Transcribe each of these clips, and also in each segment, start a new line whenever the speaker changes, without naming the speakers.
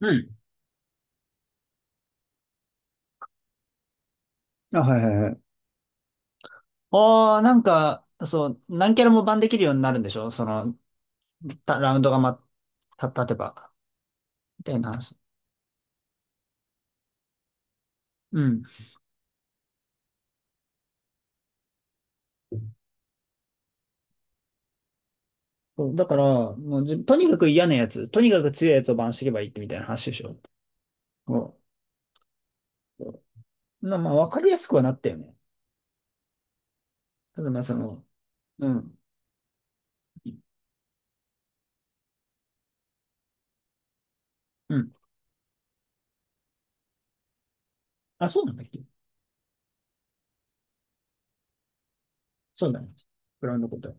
うん。あ、はいはいはい。ああ、なんか、そう、何キャラもバンできるようになるんでしょ、その、たラウンドがま、た、立てば。みたいな話。うん。そうだから、もうじ、とにかく嫌なやつ、とにかく強いやつをバンしていけばいいってみたいな話でしょ。そう。まあ、わかりやすくはなったよね。ただまあ、その、うん。うん。あ、そうなんだっけ。そうだね。ブラウンドこと。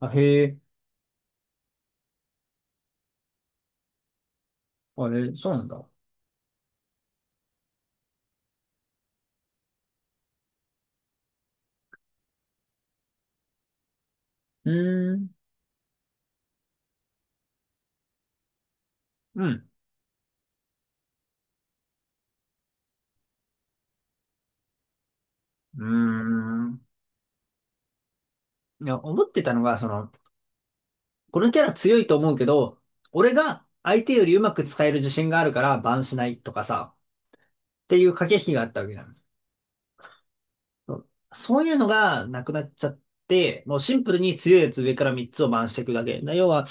あ、へえ。あれ、そうなんだ。うーん。うん。うーん。いや、思ってたのが、その、このキャラ強いと思うけど、俺が相手よりうまく使える自信があるからバンしないとかさ、っていう駆け引きがあったわけじゃん。そう、そういうのがなくなっちゃって、もうシンプルに強いやつ上から3つをバンしていくだけ。要は、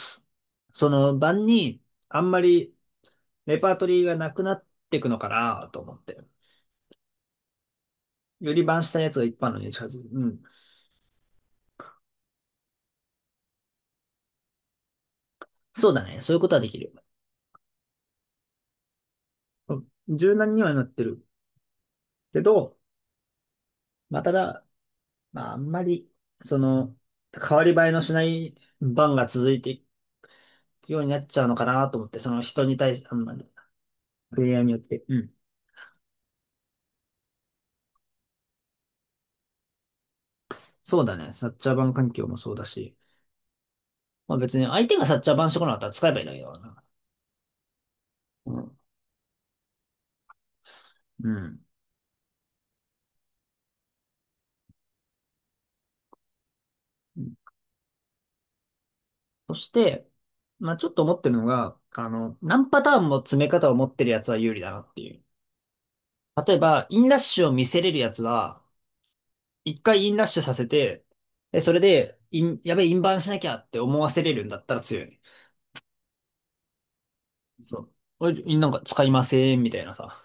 そのバンにあんまりレパートリーがなくなっていくのかなと思って。よりバンしたやつが一般のに近づく。うん。そうだね。そういうことはできる。うん、柔軟にはなってるけど、まあ、ただ、まあ、あんまり、その、変わり映えのしない番が続いていくようになっちゃうのかなと思って、その人に対して、あんまり、プレイヤーによって。うん。そうだね。サッチャーバン環境もそうだし。まあ別に相手がサッチャーバンしてこなかったら使えばいいんだけどな。うん。うん。そして、まあちょっと思ってるのが、あの、何パターンも詰め方を持ってるやつは有利だなっていう。例えば、インラッシュを見せれるやつは、一回インラッシュさせて、で、それで、やべえ、インバウンドしなきゃって思わせれるんだったら強いね。そう。これなんか使いません、みたいなさ。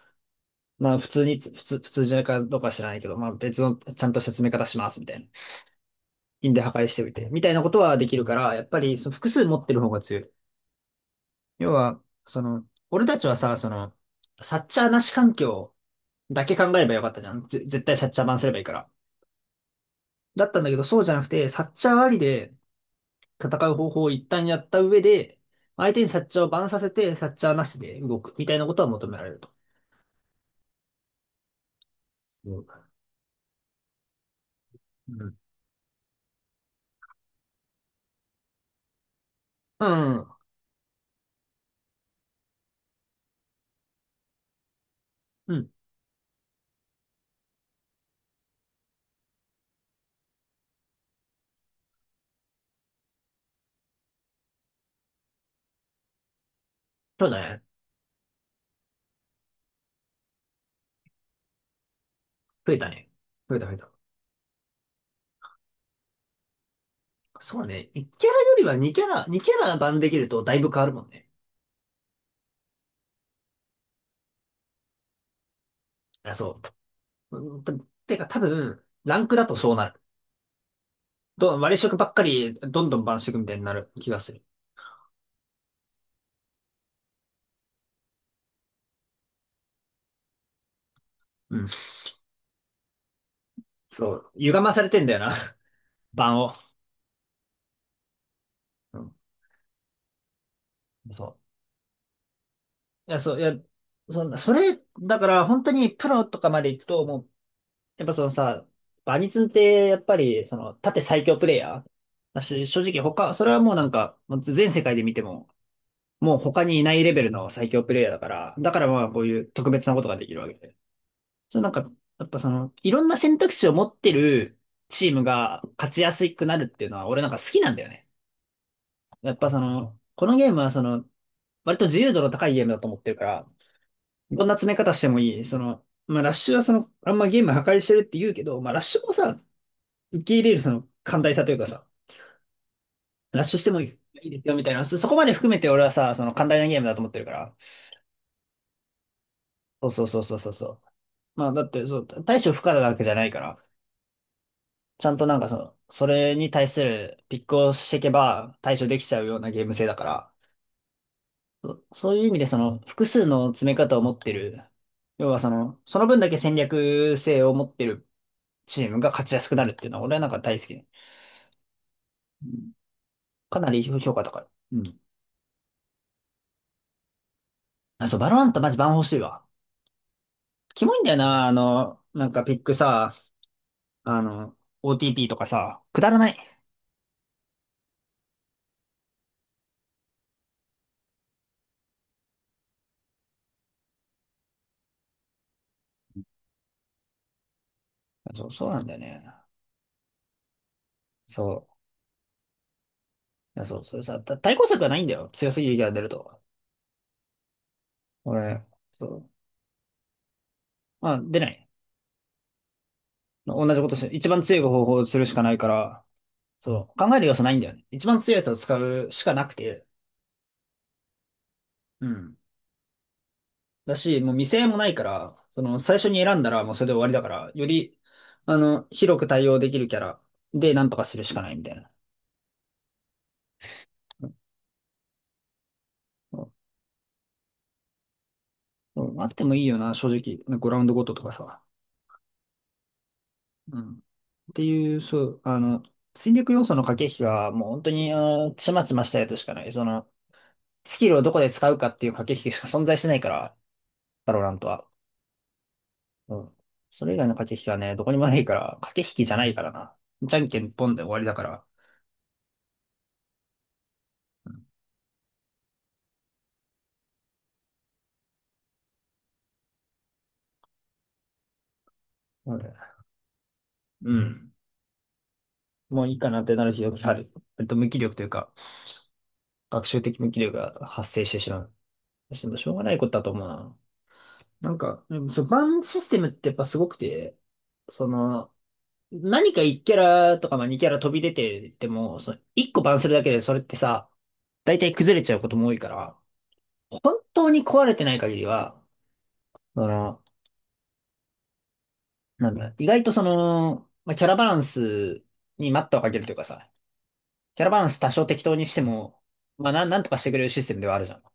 まあ普通につ、普通、普通じゃないかどうかは知らないけど、まあ別のちゃんと説明方します、みたいな。印で破壊しておいて。みたいなことはできるから、やっぱりその複数持ってる方が強い。要は、その、俺たちはさ、その、サッチャーなし環境だけ考えればよかったじゃん。絶対サッチャー版すればいいから。だったんだけど、そうじゃなくて、サッチャーありで戦う方法を一旦やった上で、相手にサッチャーをバンさせて、サッチャーなしで動く、みたいなことは求められると。うん。うん。うん。そうだね。増えたね。増えた増えた。そうね。1キャラよりは2キャラ、2キャラ版できるとだいぶ変わるもんね。あ、そう。うん。てか多分、ランクだとそうなる。割り色ばっかりどんどんバンしていくみたいになる気がする。うん。そう。歪まされてんだよな。版を。うん。そう。いや、そう、いや、そんな、それ、だから本当にプロとかまで行くと、もう、やっぱそのさ、バニツンってやっぱり、その、縦最強プレイヤーだし、正直他、それはもうなんか、もう全世界で見ても、もう他にいないレベルの最強プレイヤーだから、だからまあこういう特別なことができるわけで。そう、なんか、やっぱその、いろんな選択肢を持ってるチームが勝ちやすくなるっていうのは俺なんか好きなんだよね。やっぱその、このゲームはその、割と自由度の高いゲームだと思ってるから、どんな詰め方してもいい。その、まあラッシュはその、あんまゲーム破壊してるって言うけど、まあラッシュもさ、受け入れるその寛大さというかさ、ラッシュしてもいい。いいですよみたいな、そこまで含めて俺はさ、その寛大なゲームだと思ってるから。そうそうそうそうそうそう。まあ、だって、そう、対処不可なわけじゃないから、ちゃんとなんかその、それに対するピックをしていけば対処できちゃうようなゲーム性だから、そういう意味でその、複数の詰め方を持ってる、要はその、その分だけ戦略性を持ってるチームが勝ちやすくなるっていうのは、俺はなんか大好き。うん、かなり評価高い。うん。あ、そう、バロラントマジバン欲しいわ。キモいんだよな、あの、なんかピックさ、あの、OTP とかさ、くだらない。そう、そうなんだよね。そう。いやそう、それさ、対抗策がないんだよ。強すぎる敵が出ると。俺、そう。まあ、出ない。同じことする。一番強い方法をするしかないから、そう。考える要素ないんだよね。一番強いやつを使うしかなくて。うん。だし、もう未成もないから、その、最初に選んだらもうそれで終わりだから、より、あの、広く対応できるキャラでなんとかするしかないみたいな。うん。うん、あってもいいよな、正直。ね、グラウンドごととかさ。うん。っていう、そう、あの、戦略要素の駆け引きが、もう本当に、あの、ちまちましたやつしかない。その、スキルをどこで使うかっていう駆け引きしか存在してないから、バロラントは。うん。それ以外の駆け引きはね、どこにもないから、駆け引きじゃないからな。じゃんけんポンで終わりだから。うん。うん、もういいかなってなる日がある。割と無気力というか、学習的無気力が発生してしまう。でもしょうがないことだと思うな。なんか、うん、そう、バンシステムってやっぱすごくて、その、何か1キャラとかまあ2キャラ飛び出てても、その1個バンするだけでそれってさ、大体崩れちゃうことも多いから、本当に壊れてない限りは、その、なんだ、意外とその、まあ、キャラバランスに待ったをかけるというかさ、キャラバランス多少適当にしても、まあなんとかしてくれるシステムではあるじゃん。と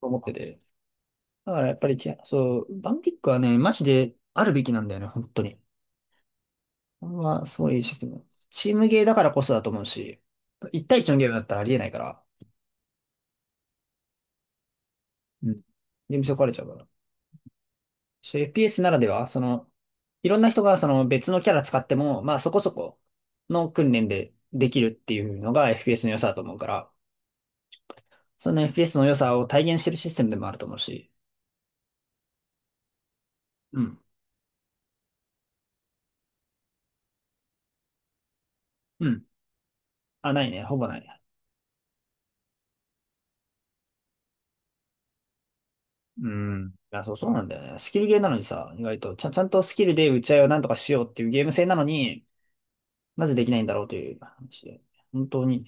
思ってて。だからやっぱりキャラ、そう、バンピックはね、マジであるべきなんだよね、本当に。これはすごいいいシステム。チームゲーだからこそだと思うし、1対1のゲームだったらありえないから、うん、で、見損壊れちゃうから。そう、 FPS ならでは、その、いろんな人がその別のキャラ使っても、まあそこそこの訓練でできるっていうのが FPS の良さだと思うから、その FPS の良さを体現してるシステムでもあると思うし。うん。うん。あ、ないね。ほぼないね。うん。いや、そう、そうなんだよね。スキルゲーなのにさ、意外と、ちゃんとスキルで打ち合いをなんとかしようっていうゲーム性なのに、なぜできないんだろうという話で。本当に、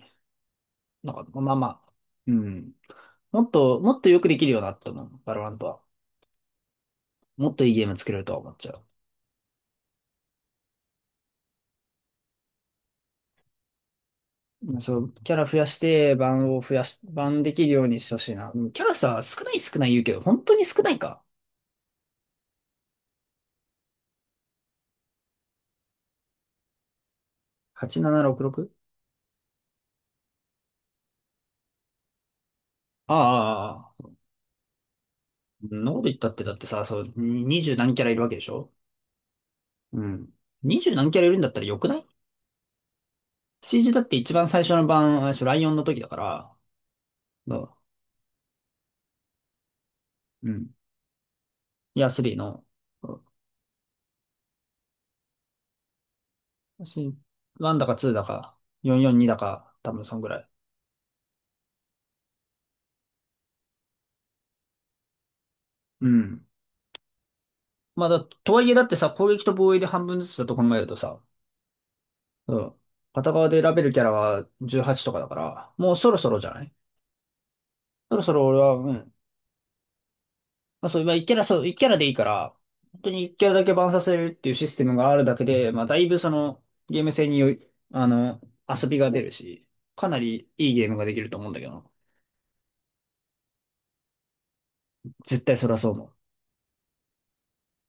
なんか、まあまあ、うん。もっと、もっとよくできるよなって思う、バロラントは。もっといいゲーム作れるとは思っちゃう。そう、キャラ増やして、版を増やし、版できるようにしてほしいな。でもキャラさ、少ない少ない言うけど、本当に少ないか。8766？ ああ、ああ、そんなこと言ったって、だってさ、そう、20何キャラいるわけでしょ。うん。20何キャラいるんだったらよくない？ CG だって一番最初の版、あれでしょ、ライオンの時だから、どう、うん。いや、3の、うん、1だか2だか、442だか、多分そんぐらい。うん。まあ、とはいえだってさ、攻撃と防衛で半分ずつだと考えるとさ、うん。片側で選べるキャラは18とかだから、もうそろそろじゃない？そろそろ俺は、うん。まあそう、まあ1キャラ、そう、1キャラでいいから、本当に1キャラだけバンさせるっていうシステムがあるだけで、まあだいぶその、ゲーム性によい、あの、遊びが出るし、かなりいいゲームができると思うんだけど、絶対それはそう思う。